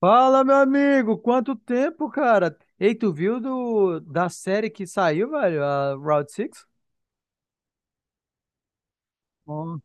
Fala, meu amigo! Quanto tempo, cara? Ei, tu viu da série que saiu, velho? A Route 6? Ó.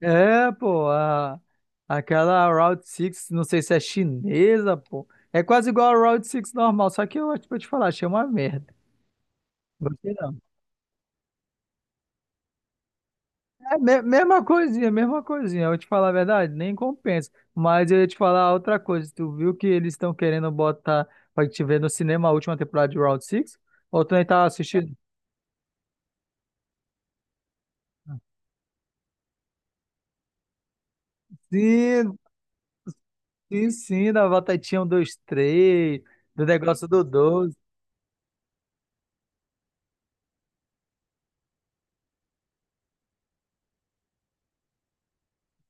É, pô, aquela Route 6, não sei se é chinesa, pô. É quase igual a Route 6 normal, só que eu, tipo, eu te falar, achei uma merda. Gostei não. É, mesma coisinha, mesma coisinha. Eu vou te falar a verdade, nem compensa. Mas eu ia te falar outra coisa. Tu viu que eles estão querendo botar pra te ver no cinema a última temporada de Round Six? Ou tu nem tava assistindo? Sim. Sim, sim, da batatinha um 2 três, do negócio do 12.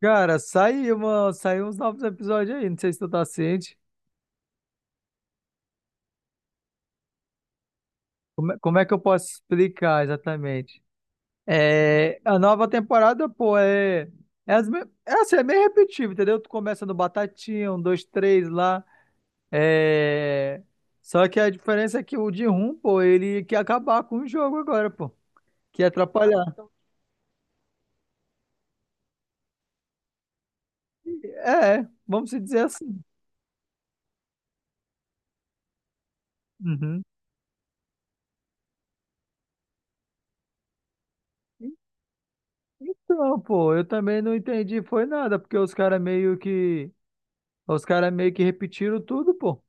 Cara, saiu, uma, saiu uns novos episódios aí, não sei se tu tá ciente. Como, como é que eu posso explicar exatamente? É, a nova temporada, pô, é, é, as, me- é assim, é meio repetitivo, entendeu? Tu começa no batatinha, um 2 3 lá. É, só que a diferença é que o de rum, pô, ele quer acabar com o jogo agora, pô. Quer atrapalhar. É, vamos se dizer assim. Uhum. Então, pô, eu também não entendi, foi nada, porque os caras meio que repetiram tudo, pô.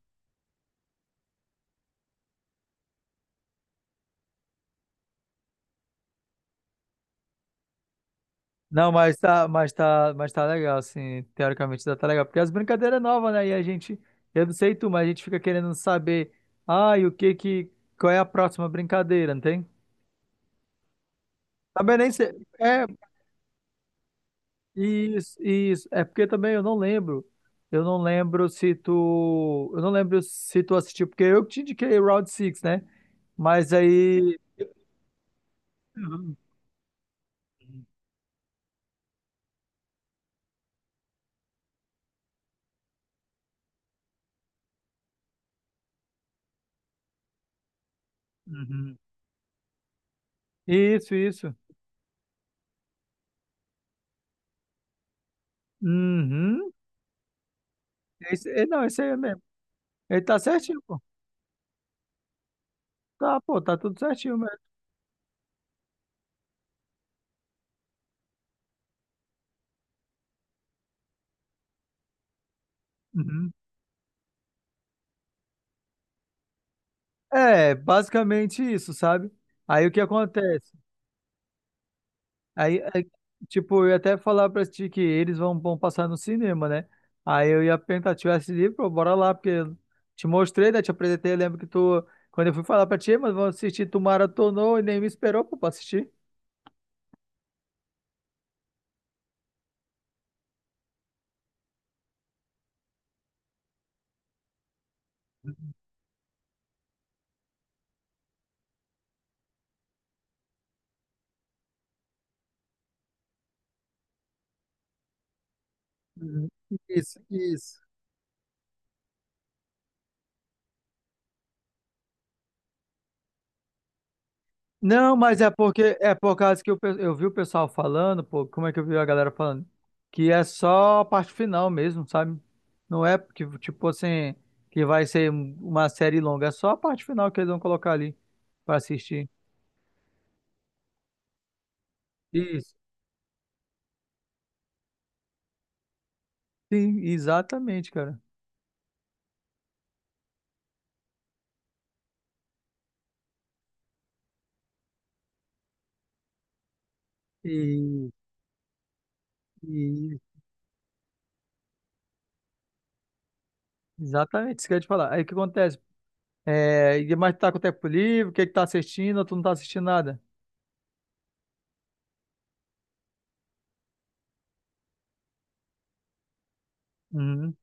Não, mas tá, mas tá legal, assim, teoricamente já tá legal, porque as brincadeiras novas, né? E a gente, eu não sei tu, mas a gente fica querendo saber, ah, qual é a próxima brincadeira, não tem? Também nem sei, é, isso, é porque também eu não lembro se tu, eu não lembro se tu assistiu, porque eu que te indiquei o Round six, né? Mas aí... Uhum. Uhum. Isso, isso. Uhum. Esse, é, não, esse aí é mesmo. Ele tá certinho, pô. Tá, pô, tá tudo certinho mesmo. Uhum. É, basicamente isso, sabe? Aí o que acontece? Aí, aí, tipo, eu ia até falar pra ti que eles vão passar no cinema, né? Aí eu ia perguntar, tivesse livro, pô, bora lá, porque eu te mostrei, né? Te apresentei, eu lembro que tu, quando eu fui falar pra ti, mas vamos assistir, tu maratonou e nem me esperou, pô, pra assistir. Uhum. Isso, isso. Não, mas é porque é por causa que eu vi o pessoal falando, pô, como é que eu vi a galera falando? Que é só a parte final mesmo, sabe? Não é porque, tipo assim, que vai ser uma série longa, é só a parte final que eles vão colocar ali pra assistir. Isso. Sim, exatamente, cara. E, e- exatamente, isso que eu ia te falar. Aí o que acontece? É, mas tu tá com tempo livre, o que que tá assistindo, ou tu não tá assistindo nada? Uhum,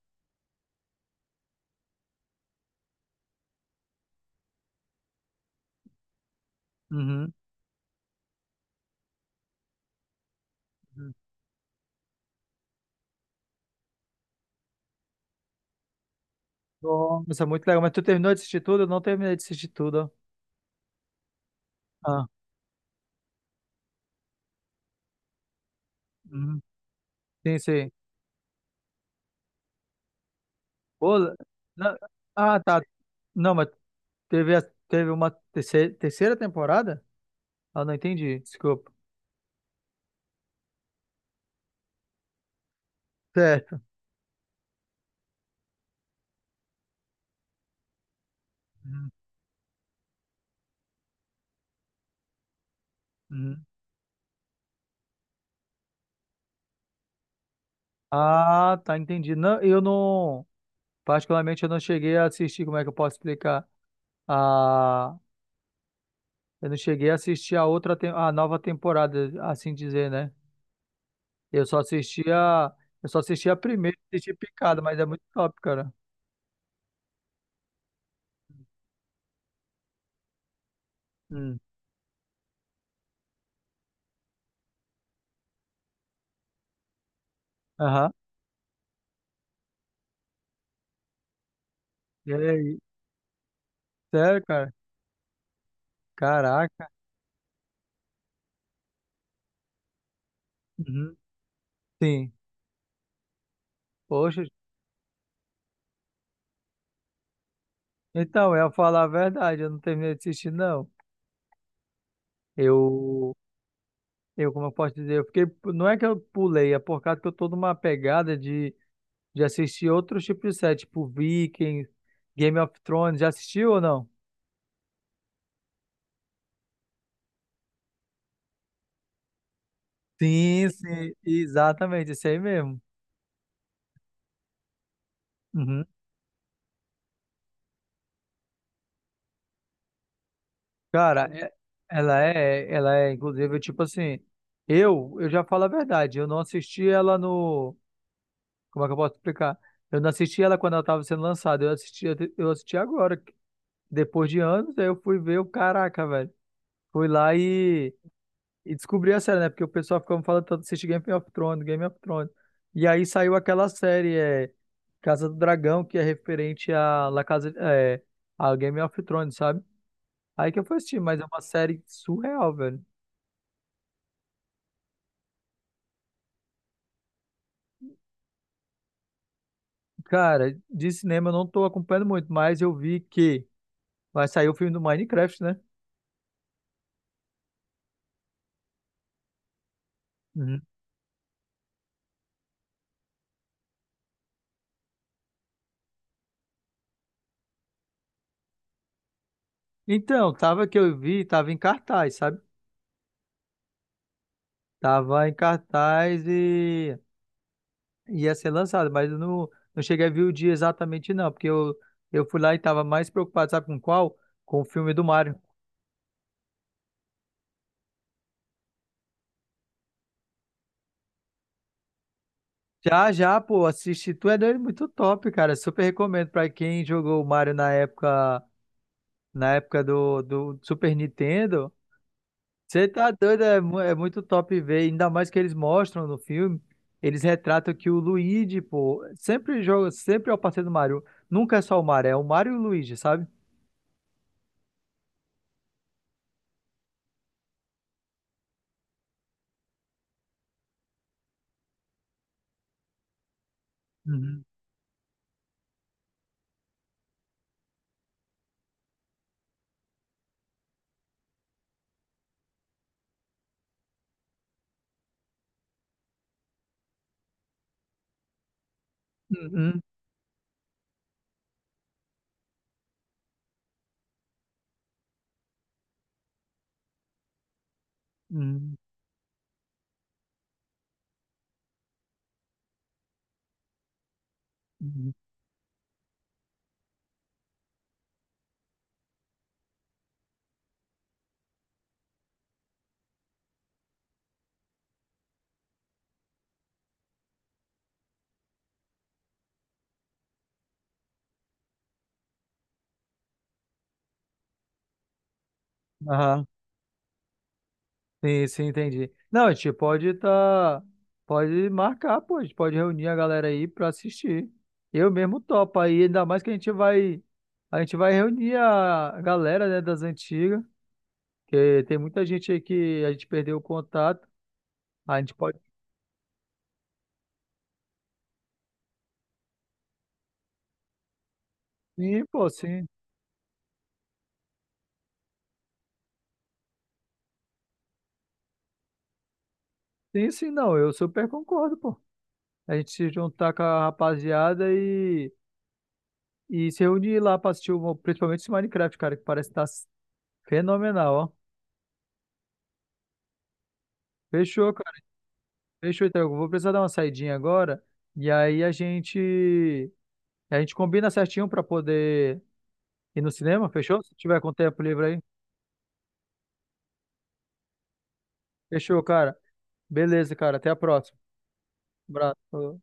uhum. Nossa, muito legal. Mas tu terminou de assistir tudo? Eu não terminei de assistir tudo. Ah, uhum. Sim, sim. Pô, na- ah, tá. Não, mas teve, teve uma terceira, terceira temporada? Ah, não entendi. Desculpa. Certo. Uhum, uhum. Ah, tá, entendi. Não, eu não, particularmente, eu não cheguei a assistir, como é que eu posso explicar? A, eu não cheguei a assistir a outra, a nova temporada, assim dizer, né? Eu só assisti a, eu só assisti a primeira, assisti picada, mas é muito top, cara. Hum. Aham. E aí? Sério, cara? Caraca. Uhum. Sim. Poxa. Então, eu ia falar a verdade, eu não terminei de assistir, não. Eu, como eu posso dizer, eu fiquei. Não é que eu pulei, é por causa que eu tô numa pegada de assistir outros tipos de série, tipo Vikings, Game of Thrones. Já assistiu ou não? Sim, sim, exatamente, isso aí mesmo. Uhum. Cara, ela é, inclusive, tipo assim, eu já falo a verdade, eu não assisti ela no. Como é que eu posso explicar? Eu não assisti ela quando ela estava sendo lançada, eu assisti agora, depois de anos, aí eu fui ver o caraca, velho. Fui lá e descobri a série, né? Porque o pessoal ficava falando tanto, assiste Game of Thrones, Game of Thrones. E aí saiu aquela série, é, Casa do Dragão, que é referente a La Casa, é, a Game of Thrones, sabe? Aí que eu fui assistir, mas é uma série surreal, velho. Cara, de cinema eu não tô acompanhando muito, mas eu vi que vai sair o filme do Minecraft, né? Então, tava que eu vi, tava em cartaz, sabe? Tava em cartaz e ia ser lançado, mas eu não, não cheguei a ver o dia exatamente não, porque eu fui lá e tava mais preocupado, sabe com qual? Com o filme do Mario. Já, já, pô, assisti, tu é doido, muito top, cara, super recomendo pra quem jogou o Mario na época do Super Nintendo. Você tá doido, é, é muito top ver, ainda mais que eles mostram no filme, eles retratam que o Luigi, pô, sempre joga, sempre é o parceiro do Mario, nunca é só o Mario, é o Mario e o Luigi, sabe? Uhum. Uhum. Uhum. Uhum. Aham. Sim, sim, entendi. Não, a gente pode tá, pode marcar, pô, a gente pode reunir a galera aí pra assistir. Eu mesmo topo aí, ainda mais que a gente vai reunir a galera, né, das antigas, que tem muita gente aí que a gente perdeu o contato. A gente pode. Sim, pô, sim. Sim, sim, não. Eu super concordo, pô. A gente se juntar com a rapaziada e se reunir lá pra assistir, o, principalmente esse Minecraft, cara, que parece que tá fenomenal, ó. Fechou, cara. Fechou, então. Eu vou precisar dar uma saidinha agora. E aí a gente. A gente combina certinho pra poder ir no cinema, fechou? Se tiver com tempo livre aí. Fechou, cara. Beleza, cara. Até a próxima. Abraço.